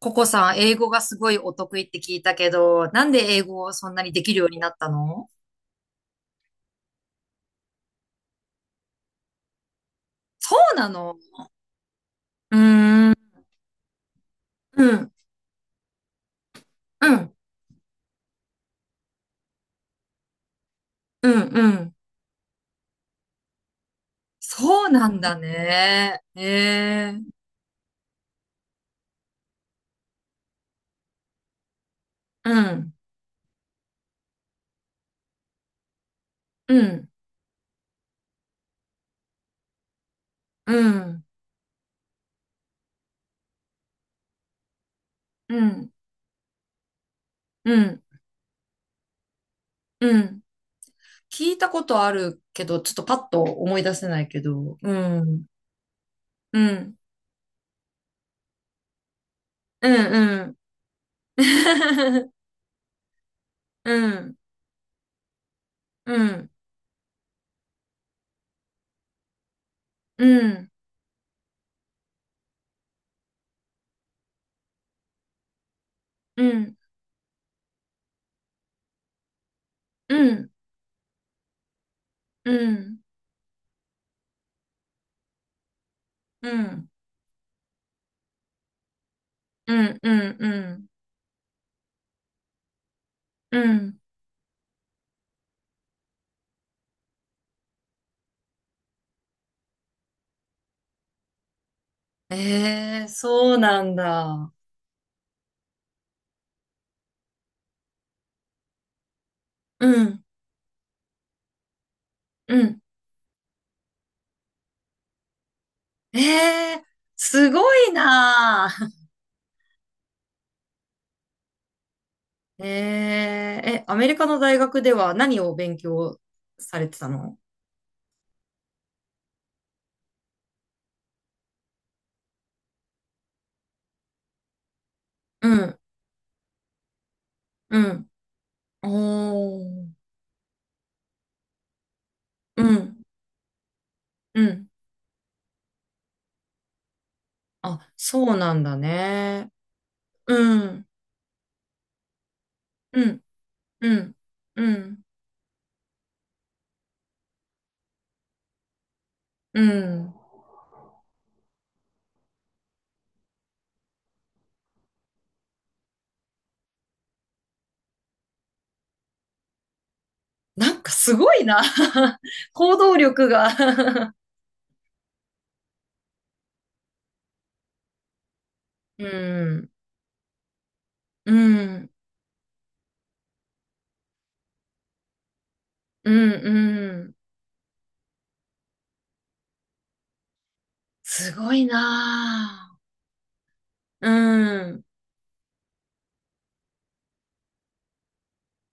ココさん、英語がすごいお得意って聞いたけど、なんで英語をそんなにできるようになったの？そうなの？うーん、うん、うん、うん、うん。そうなんだね。へえ、うん、うん、うん、うん、うん、うん。聞いたことあるけど、ちょっとパッと思い出せないけど、うん、うん、うん、うん。うん、うん、うん、うん、うん、うん、うん。うんうんうんうん。ええ、そうなんだ。うんうん。ええ、すごいなあ。ええ、え、アメリカの大学では何を勉強されてたの？うんうん。おー。うんうん。あ、そうなんだね。うんうんうんうんうん。なんかすごいな。行動力が。 うん。うんうんうん。すごいなぁ。うん。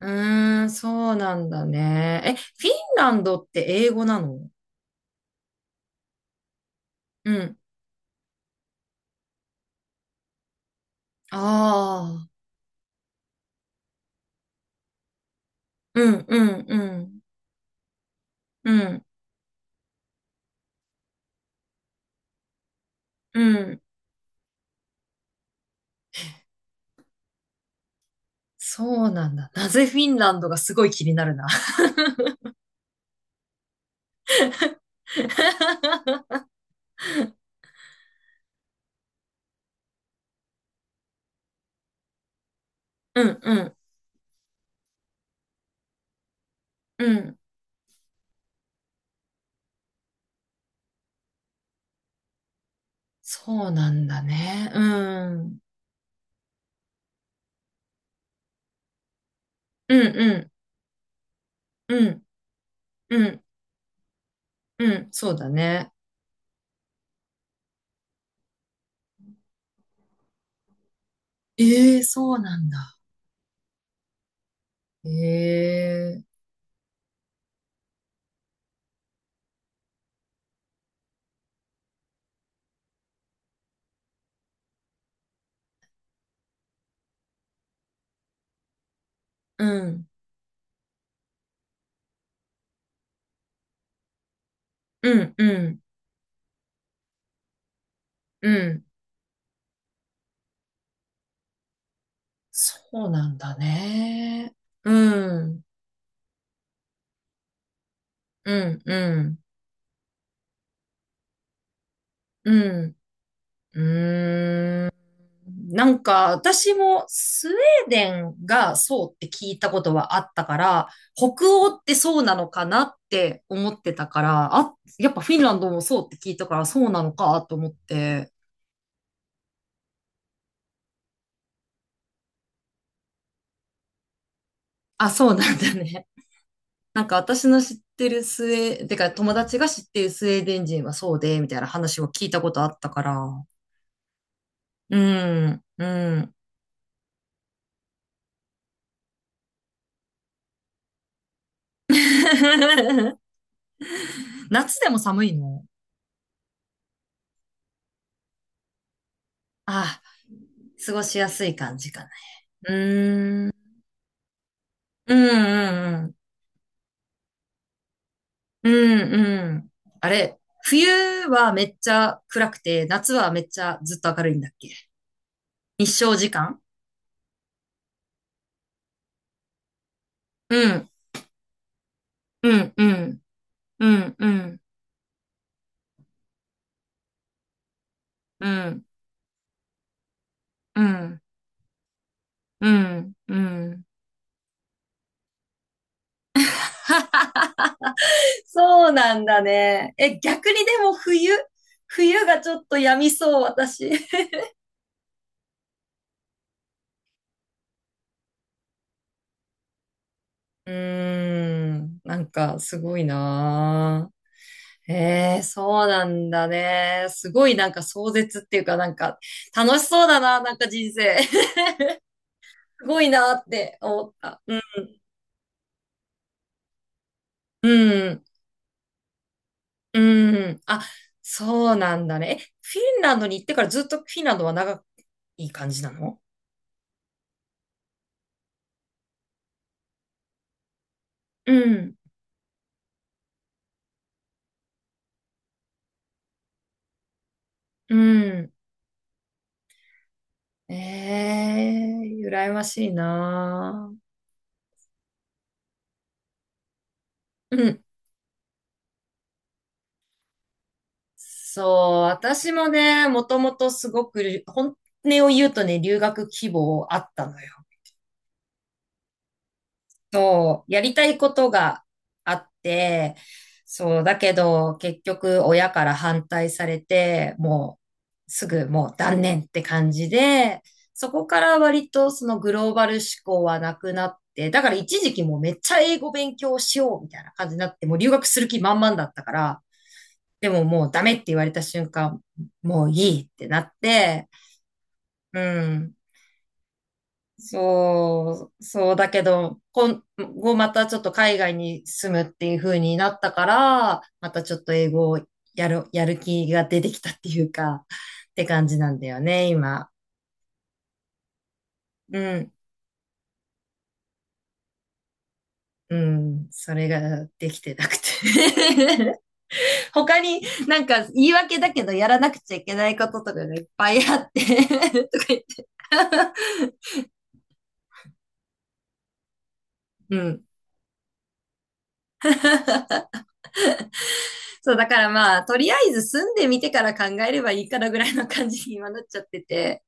うーん、そうなんだね。え、フィンランドって英語なの？うん。ああ。うんうんうん。うん。うん。そうなんだ。なぜフィンランドがすごい気になるな。うんうんうん。そうなんだね。うん。うんうんうんうんうん。そうだね。ええ、そうなんだ。ええ。うんうんうん。うん、そうなんだね。うん、うん、うん、うん、うーん。なんか、私もスウェーデンがそうって聞いたことはあったから、北欧ってそうなのかなって思ってたから、あ、やっぱフィンランドもそうって聞いたから、そうなのかと思って、あ、そうなんだね。なんか私の知ってるスウェー、てか友達が知ってるスウェーデン人はそうで、みたいな話を聞いたことあったから。うん、うん。夏でも寒いの？ああ、過ごしやすい感じかな。うーん、うん、うん、うん、うんうん。あれ、冬はめっちゃ暗くて、夏はめっちゃずっと明るいんだっけ？日照時間。うん、うん、うん、うん、うん、うん、うん、うん、うん。そうなんだね。え、逆にでも冬がちょっと病みそう、私。うーん、なんかすごいなぁ。ええ、そうなんだね。すごいなんか壮絶っていうかなんか楽しそうだな、なんか人生。すごいなって思った。うん、うん、うん。あ、そうなんだね。え、フィンランドに行ってからずっとフィンランドは長い感じなの？うん、うん。ええ、羨ましいなぁ。うん。そう、私もね、もともとすごく、本音を言うとね、留学希望あったのよ。そう、やりたいことがあって、そう、だけど、結局、親から反対されて、もう、すぐもう断念って感じで、そこから割とそのグローバル思考はなくなって、だから一時期もうめっちゃ英語勉強しようみたいな感じになって、もう留学する気満々だったから、でももうダメって言われた瞬間、もういいってなって、うん。そう、そうだけど、今後またちょっと海外に住むっていう風になったから、またちょっと英語をやる気が出てきたっていうか、って感じなんだよね、今。うん、うん、それができてなくて。 他になんか言い訳だけどやらなくちゃいけないこととかがいっぱいあって とか言って。 うん。そう、だからまあ、とりあえず住んでみてから考えればいいからぐらいの感じに今なっちゃってて。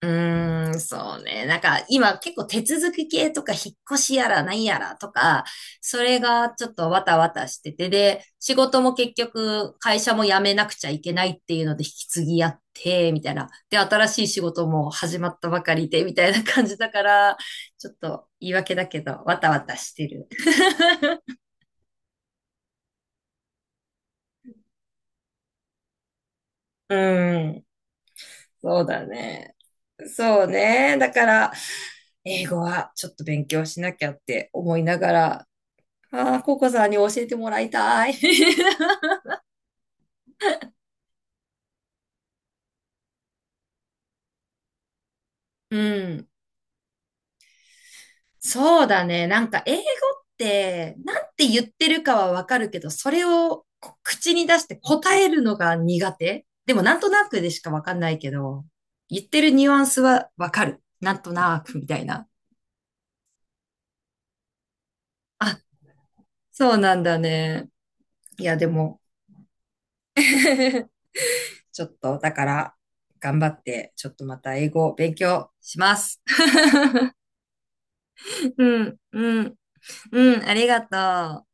うーん、そうね。なんか今結構手続き系とか引っ越しやら何やらとか、それがちょっとわたわたしてて、で、仕事も結局会社も辞めなくちゃいけないっていうので引き継ぎやって、みたいな。で、新しい仕事も始まったばかりで、みたいな感じだから、ちょっと言い訳だけど、わたわたしてる。うん。そうだね。そうね。だから、英語はちょっと勉強しなきゃって思いながら、ああ、ココさんに教えてもらいたい。うん。そうだね。なんか英語って、なんて言ってるかはわかるけど、それをこう口に出して答えるのが苦手。でもなんとなくでしかわかんないけど、言ってるニュアンスはわかる。なんとなくみたいな。あ、そうなんだね。いや、でも ちょっと、だから、頑張って、ちょっとまた英語を勉強します。うん、うん、うん、ありがとう。